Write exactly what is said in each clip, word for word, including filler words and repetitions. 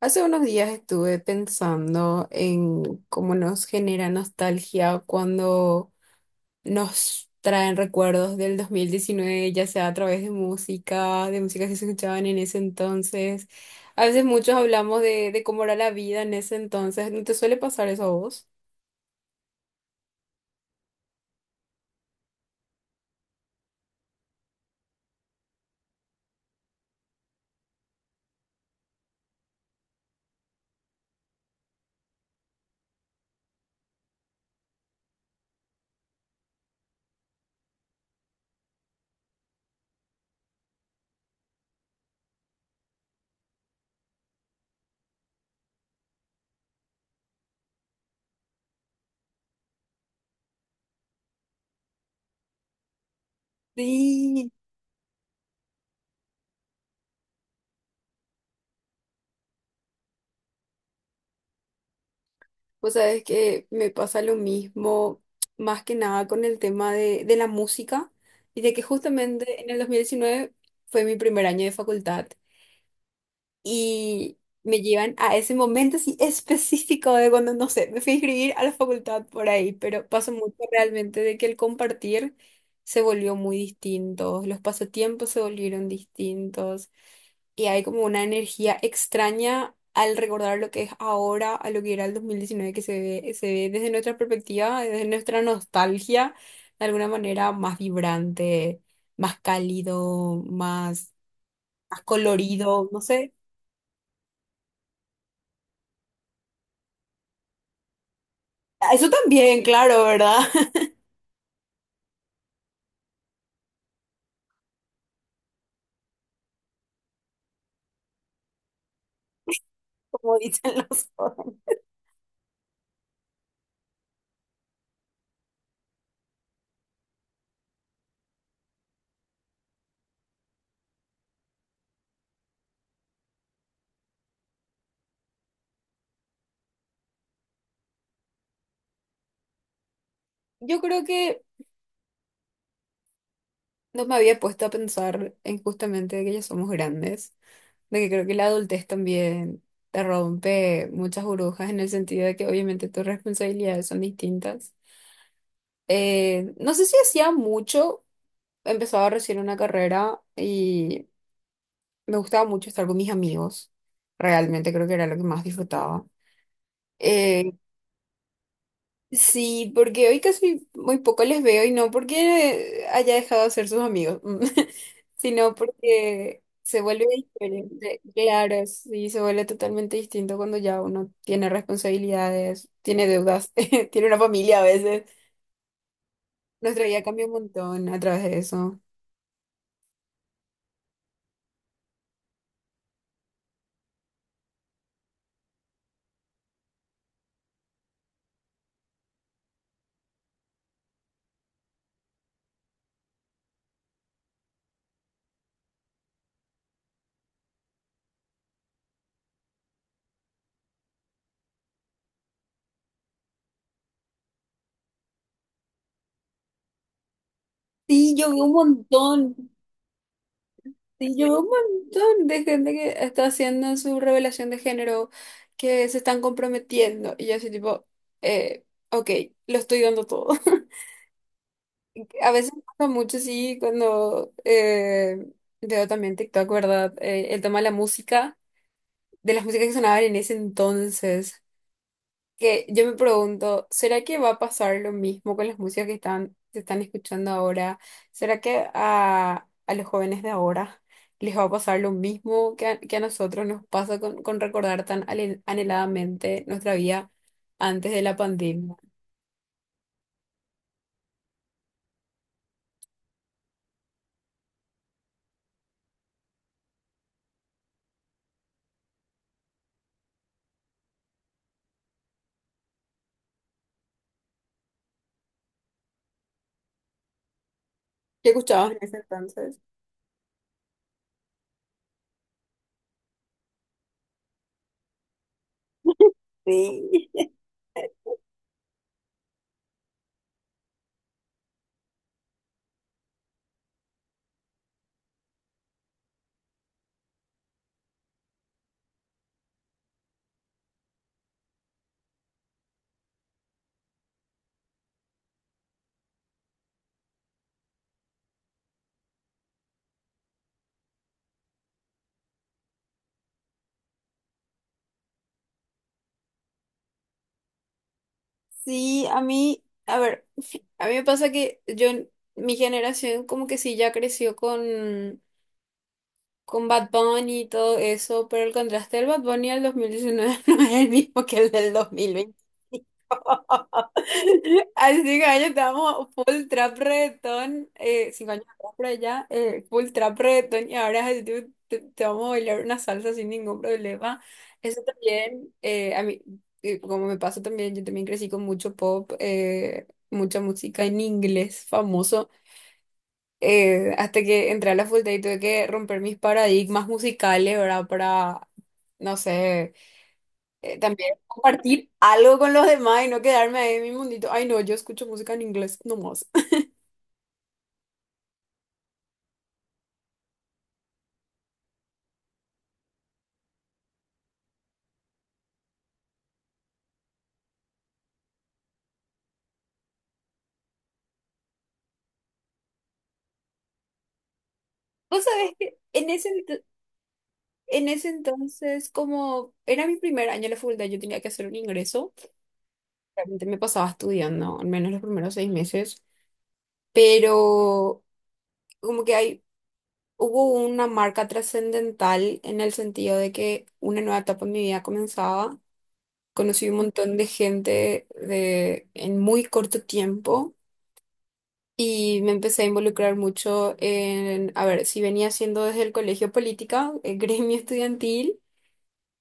Hace unos días estuve pensando en cómo nos genera nostalgia cuando nos traen recuerdos del dos mil diecinueve, ya sea a través de música, de música que se escuchaban en ese entonces. A veces muchos hablamos de, de cómo era la vida en ese entonces. ¿No te suele pasar eso a vos? Sí, vos sabés que me pasa lo mismo, más que nada con el tema de, de la música y de que justamente en el dos mil diecinueve fue mi primer año de facultad. Y me llevan a ese momento así específico de cuando, no sé, me fui a inscribir a la facultad por ahí, pero pasó mucho realmente de que el compartir se volvió muy distinto, los pasatiempos se volvieron distintos y hay como una energía extraña al recordar lo que es ahora a lo que era el dos mil diecinueve, que se ve, se ve desde nuestra perspectiva, desde nuestra nostalgia, de alguna manera más vibrante, más cálido, más, más colorido, no sé. Eso también, claro, ¿verdad? Como dicen los otros. Yo creo que no me había puesto a pensar en justamente de que ya somos grandes, de que creo que la adultez también te rompe muchas burbujas en el sentido de que obviamente tus responsabilidades son distintas. Eh, no sé si hacía mucho, empezaba recién una carrera y me gustaba mucho estar con mis amigos. Realmente creo que era lo que más disfrutaba. Eh, Sí, porque hoy casi muy poco les veo y no porque haya dejado de ser sus amigos, sino porque se vuelve diferente. Claro, sí, se vuelve totalmente distinto cuando ya uno tiene responsabilidades, tiene deudas, tiene una familia a veces. Nuestra vida cambia un montón a través de eso. Sí, yo veo un montón. Y yo veo un montón de gente que está haciendo su revelación de género, que se están comprometiendo. Y yo así tipo, eh, ok, lo estoy dando todo. A veces me pasa mucho, sí, cuando eh, veo también TikTok, ¿verdad? Eh, el tema de la música, de las músicas que sonaban en ese entonces, que yo me pregunto, ¿será que va a pasar lo mismo con las músicas que están, se están escuchando ahora? ¿Será que a, a los jóvenes de ahora les va a pasar lo mismo que a, que a nosotros nos pasa con, con recordar tan ale- anheladamente nuestra vida antes de la pandemia? ¿Qué escuchabas en ese entonces? Sí. Sí, a mí, a ver, a mí me pasa que yo, mi generación como que sí ya creció con con Bad Bunny y todo eso, pero el contraste del Bad Bunny del dos mil diecinueve no es el mismo que el del dos mil veinte. Así que año estábamos full trap reggaetón, eh, cinco años atrás por allá, eh, full trap reggaetón y ahora es así, tipo, te, te vamos a bailar una salsa sin ningún problema. Eso también, eh, a mí, eh, como me pasó también, yo también crecí con mucho pop, eh, mucha música en inglés famoso, eh, hasta que entré a la facultad y tuve que romper mis paradigmas musicales, ¿verdad? Para, no sé, eh, también compartir algo con los demás y no quedarme ahí en mi mundito. Ay, no, yo escucho música en inglés nomás. Vos sabés que en ese, ent- en ese entonces, como era mi primer año en la facultad, yo tenía que hacer un ingreso. Realmente me pasaba estudiando, al menos los primeros seis meses, pero como que hay, hubo una marca trascendental en el sentido de que una nueva etapa en mi vida comenzaba, conocí un montón de gente de, en muy corto tiempo y me empecé a involucrar mucho en, a ver, si venía haciendo desde el colegio política, el gremio estudiantil,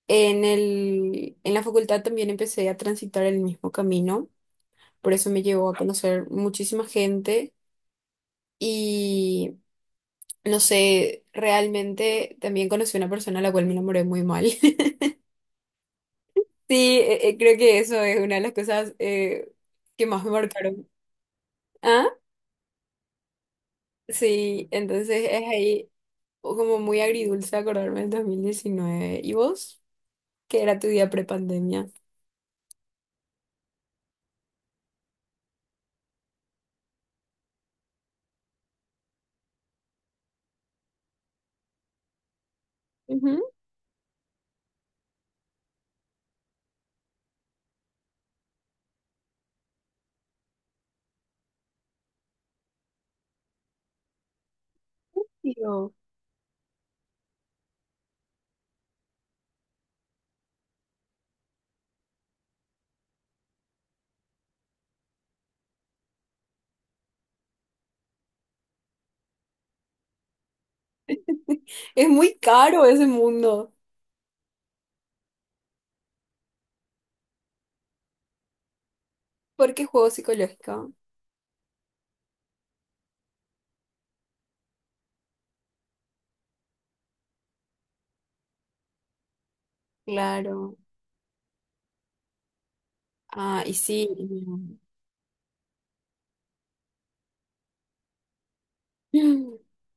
en el, en la facultad también empecé a transitar el mismo camino, por eso me llevó a conocer muchísima gente y... No sé, realmente también conocí una persona a la cual me enamoré muy mal. Sí, eh, eh, creo que eso es una de las cosas eh, que más me marcaron. Sí, entonces es ahí como muy agridulce acordarme del dos mil diecinueve. ¿Y vos? ¿Qué era tu día prepandemia? Ujú, digo, es muy caro ese mundo. ¿Por qué juego psicológico? Claro. Ah, y sí.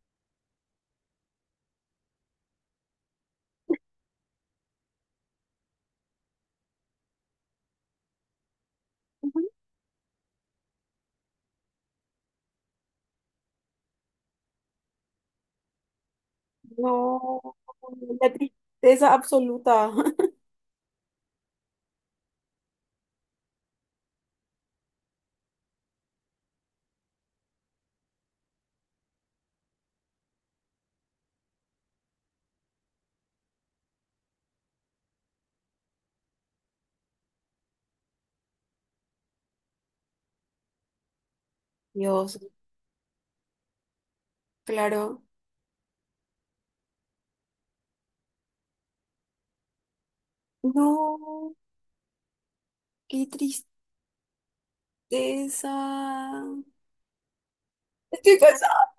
Ujú. No, la tristeza absoluta. Dios, claro. No, qué tristeza. Estoy cansada.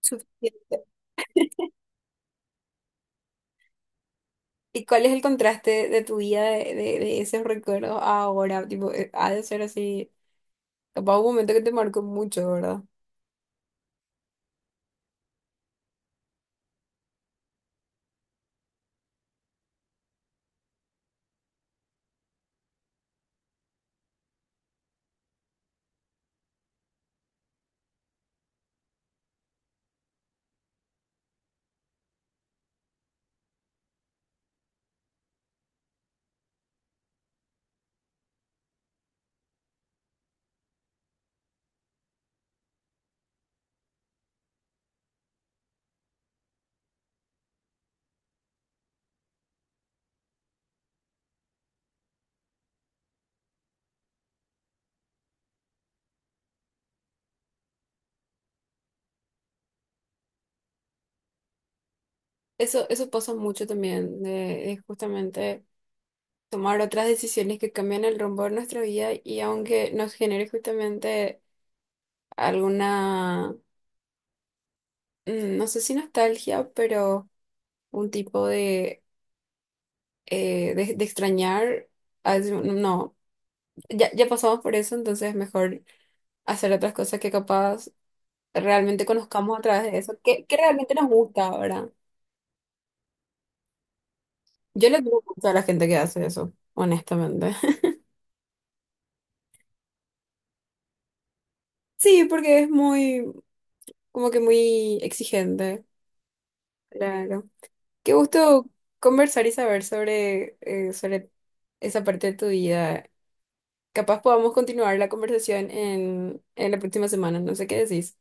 Suficiente. ¿Y cuál es el contraste de tu vida de, de, de esos recuerdos a ahora? Tipo, eh, ha de ser así, capaz un momento que te marcó mucho, ¿verdad? Eso, eso pasa mucho también, de, de justamente tomar otras decisiones que cambian el rumbo de nuestra vida, y aunque nos genere justamente alguna, mm, no sé si nostalgia, pero un tipo de, eh, de, de extrañar, a- veces, no, ya, ya pasamos por eso, entonces es mejor hacer otras cosas que capaz realmente conozcamos a través de eso, que, que realmente nos gusta, verdad. Yo le tengo gusto a la gente que hace eso, honestamente. Sí, porque es muy, como que muy exigente. Claro. Qué gusto conversar y saber sobre, eh, sobre esa parte de tu vida. Capaz podamos continuar la conversación en, en la próxima semana, no sé qué decís.